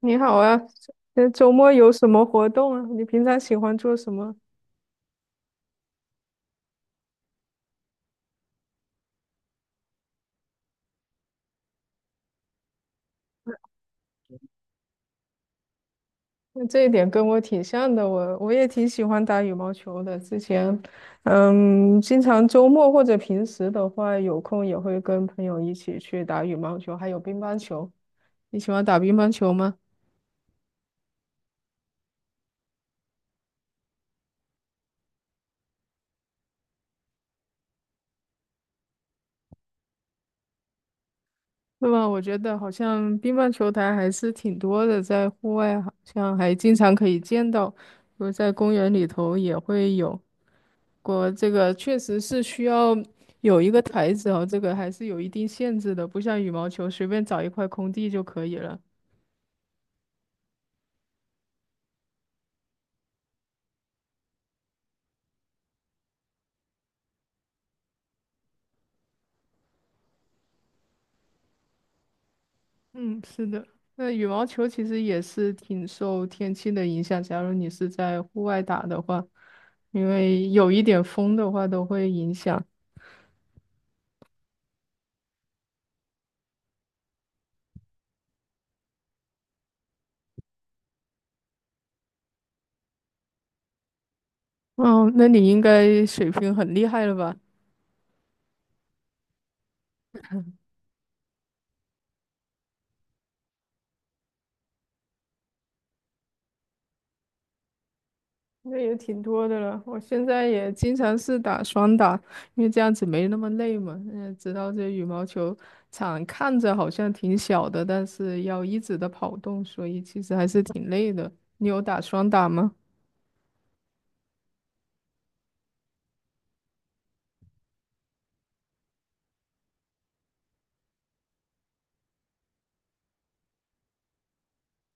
你好啊，周末有什么活动啊？你平常喜欢做什么？那这一点跟我挺像的，我也挺喜欢打羽毛球的。之前，嗯，经常周末或者平时的话，有空也会跟朋友一起去打羽毛球，还有乒乓球。你喜欢打乒乓球吗？那么我觉得好像乒乓球台还是挺多的，在户外好像还经常可以见到，比如在公园里头也会有。国这个确实是需要有一个台子哦，这个还是有一定限制的，不像羽毛球随便找一块空地就可以了。嗯，是的。那羽毛球其实也是挺受天气的影响，假如你是在户外打的话，因为有一点风的话都会影响。哦，那你应该水平很厉害了吧？那也挺多的了。我现在也经常是打双打，因为这样子没那么累嘛。嗯，知道这羽毛球场看着好像挺小的，但是要一直的跑动，所以其实还是挺累的。你有打双打吗？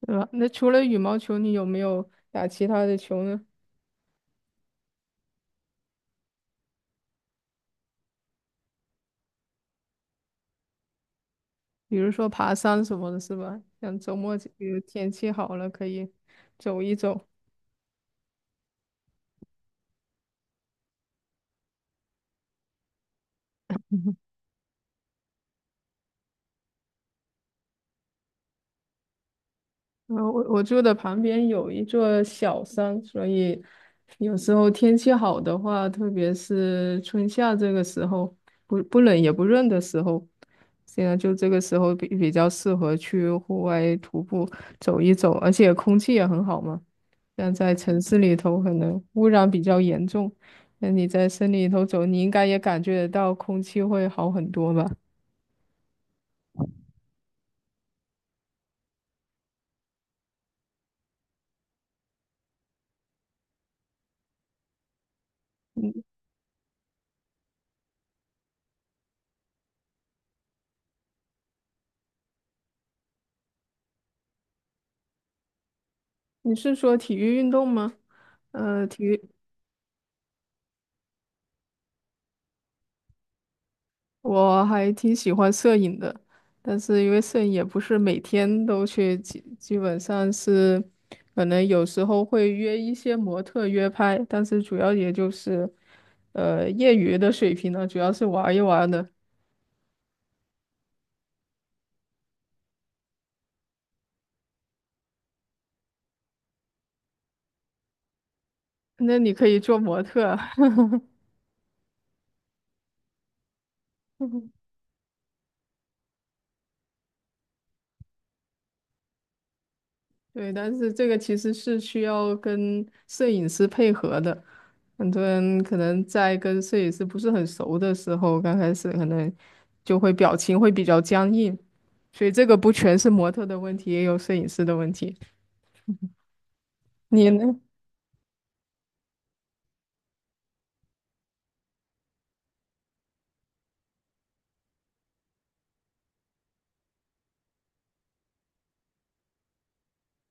对吧？那除了羽毛球，你有没有打其他的球呢？比如说爬山什么的，是吧？像周末这个天气好了，可以走一走。我住的旁边有一座小山，所以有时候天气好的话，特别是春夏这个时候，不冷也不热的时候，现在就这个时候比较适合去户外徒步走一走，而且空气也很好嘛。但在城市里头可能污染比较严重，那你在森林里头走，你应该也感觉得到空气会好很多吧？你是说体育运动吗？呃，体育。我还挺喜欢摄影的，但是因为摄影也不是每天都去，基本上是可能有时候会约一些模特约拍，但是主要也就是业余的水平呢，主要是玩一玩的。那你可以做模特啊 对，但是这个其实是需要跟摄影师配合的。很多人可能在跟摄影师不是很熟的时候，刚开始可能就会表情会比较僵硬，所以这个不全是模特的问题，也有摄影师的问题。你呢？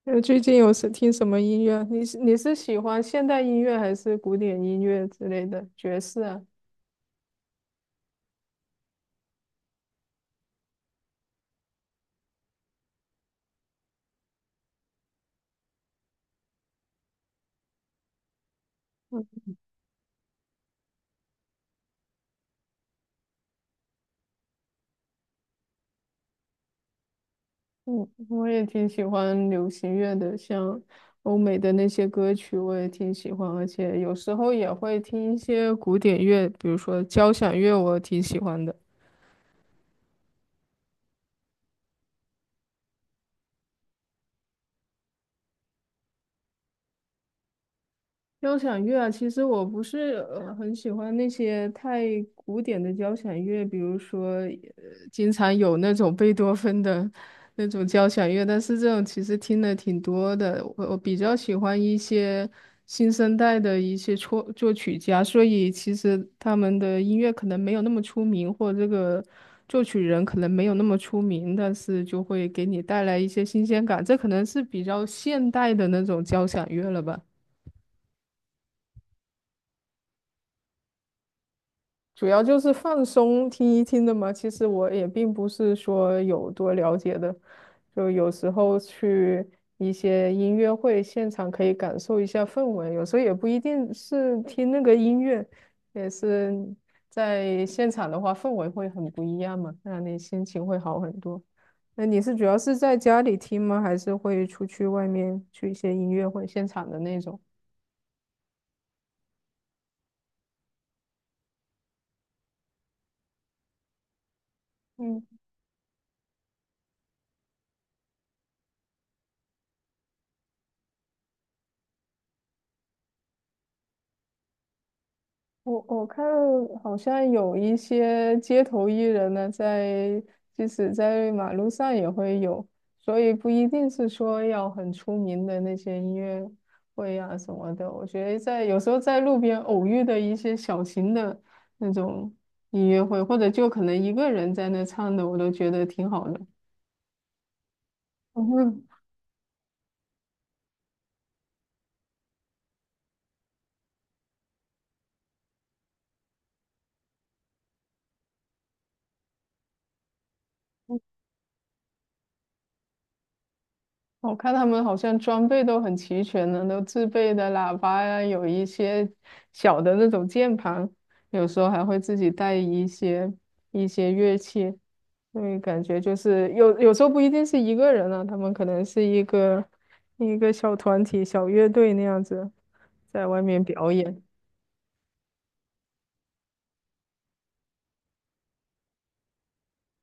呃，最近有是听什么音乐？你是喜欢现代音乐还是古典音乐之类的爵士啊？嗯，我也挺喜欢流行乐的，像欧美的那些歌曲，我也挺喜欢，而且有时候也会听一些古典乐，比如说交响乐，我挺喜欢的。交响乐啊，其实我不是很喜欢那些太古典的交响乐，比如说，经常有那种贝多芬的那种交响乐，但是这种其实听的挺多的。我比较喜欢一些新生代的一些作曲家，所以其实他们的音乐可能没有那么出名，或者这个作曲人可能没有那么出名，但是就会给你带来一些新鲜感。这可能是比较现代的那种交响乐了吧。主要就是放松听一听的嘛。其实我也并不是说有多了解的，就有时候去一些音乐会现场可以感受一下氛围，有时候也不一定是听那个音乐，也是在现场的话氛围会很不一样嘛，让你心情会好很多。那你是主要是在家里听吗？还是会出去外面去一些音乐会现场的那种？嗯。我我看好像有一些街头艺人呢，在即使在马路上也会有，所以不一定是说要很出名的那些音乐会啊什么的。我觉得在有时候在路边偶遇的一些小型的那种音乐会，或者就可能一个人在那唱的，我都觉得挺好的。嗯哼我看他们好像装备都很齐全呢，都自备的喇叭呀，有一些小的那种键盘，有时候还会自己带一些乐器，所以感觉就是有时候不一定是一个人啊，他们可能是一个小团体、小乐队那样子在外面表演，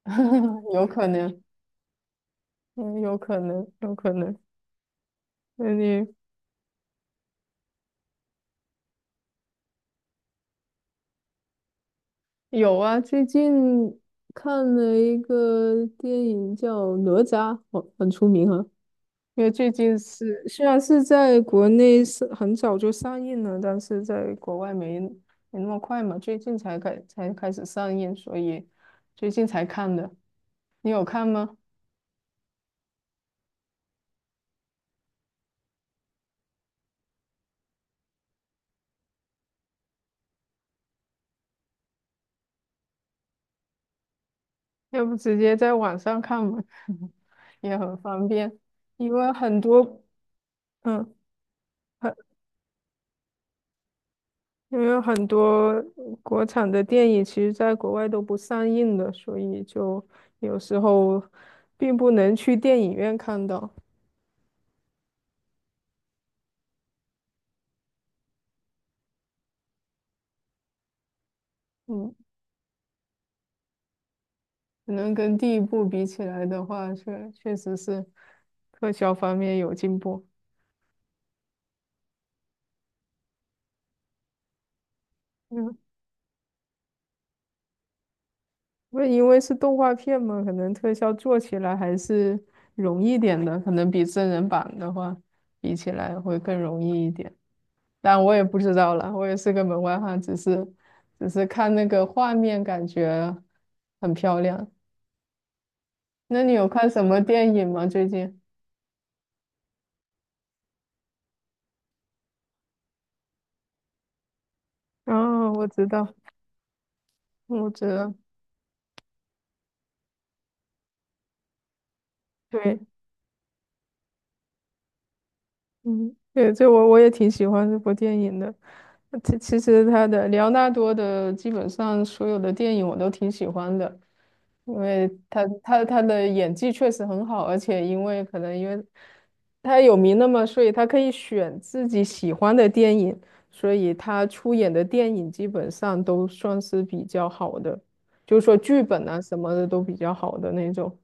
有可能，嗯，有可能，有可能。那你有啊，最近看了一个电影叫《哪吒》，很出名啊。因为最近是虽然是在国内是很早就上映了，但是在国外没没那么快嘛，最近才开始上映，所以最近才看的。你有看吗？要不直接在网上看吧，也很方便，因为很多嗯。因为很多国产的电影其实在国外都不上映的，所以就有时候并不能去电影院看到。嗯，可能跟第一部比起来的话，确实是特效方面有进步。嗯，那因为是动画片嘛，可能特效做起来还是容易点的，可能比真人版的话比起来会更容易一点。但我也不知道了，我也是个门外汉，只是看那个画面，感觉很漂亮。那你有看什么电影吗？最近？哦，我知道，我知道，对，嗯，对，这我也挺喜欢这部电影的。其实他的莱昂纳多的基本上所有的电影我都挺喜欢的，因为他的演技确实很好，而且因为可能因为他有名了嘛，所以他可以选自己喜欢的电影，所以他出演的电影基本上都算是比较好的，就是说剧本啊什么的都比较好的那种，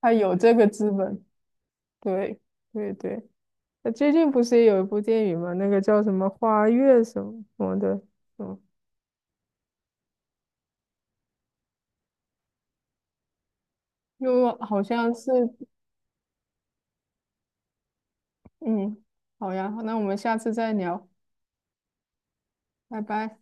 他有这个资本，对对对。最近不是也有一部电影吗？那个叫什么《花月》什么什么的，嗯，又好像是，嗯，好呀，那我们下次再聊，拜拜。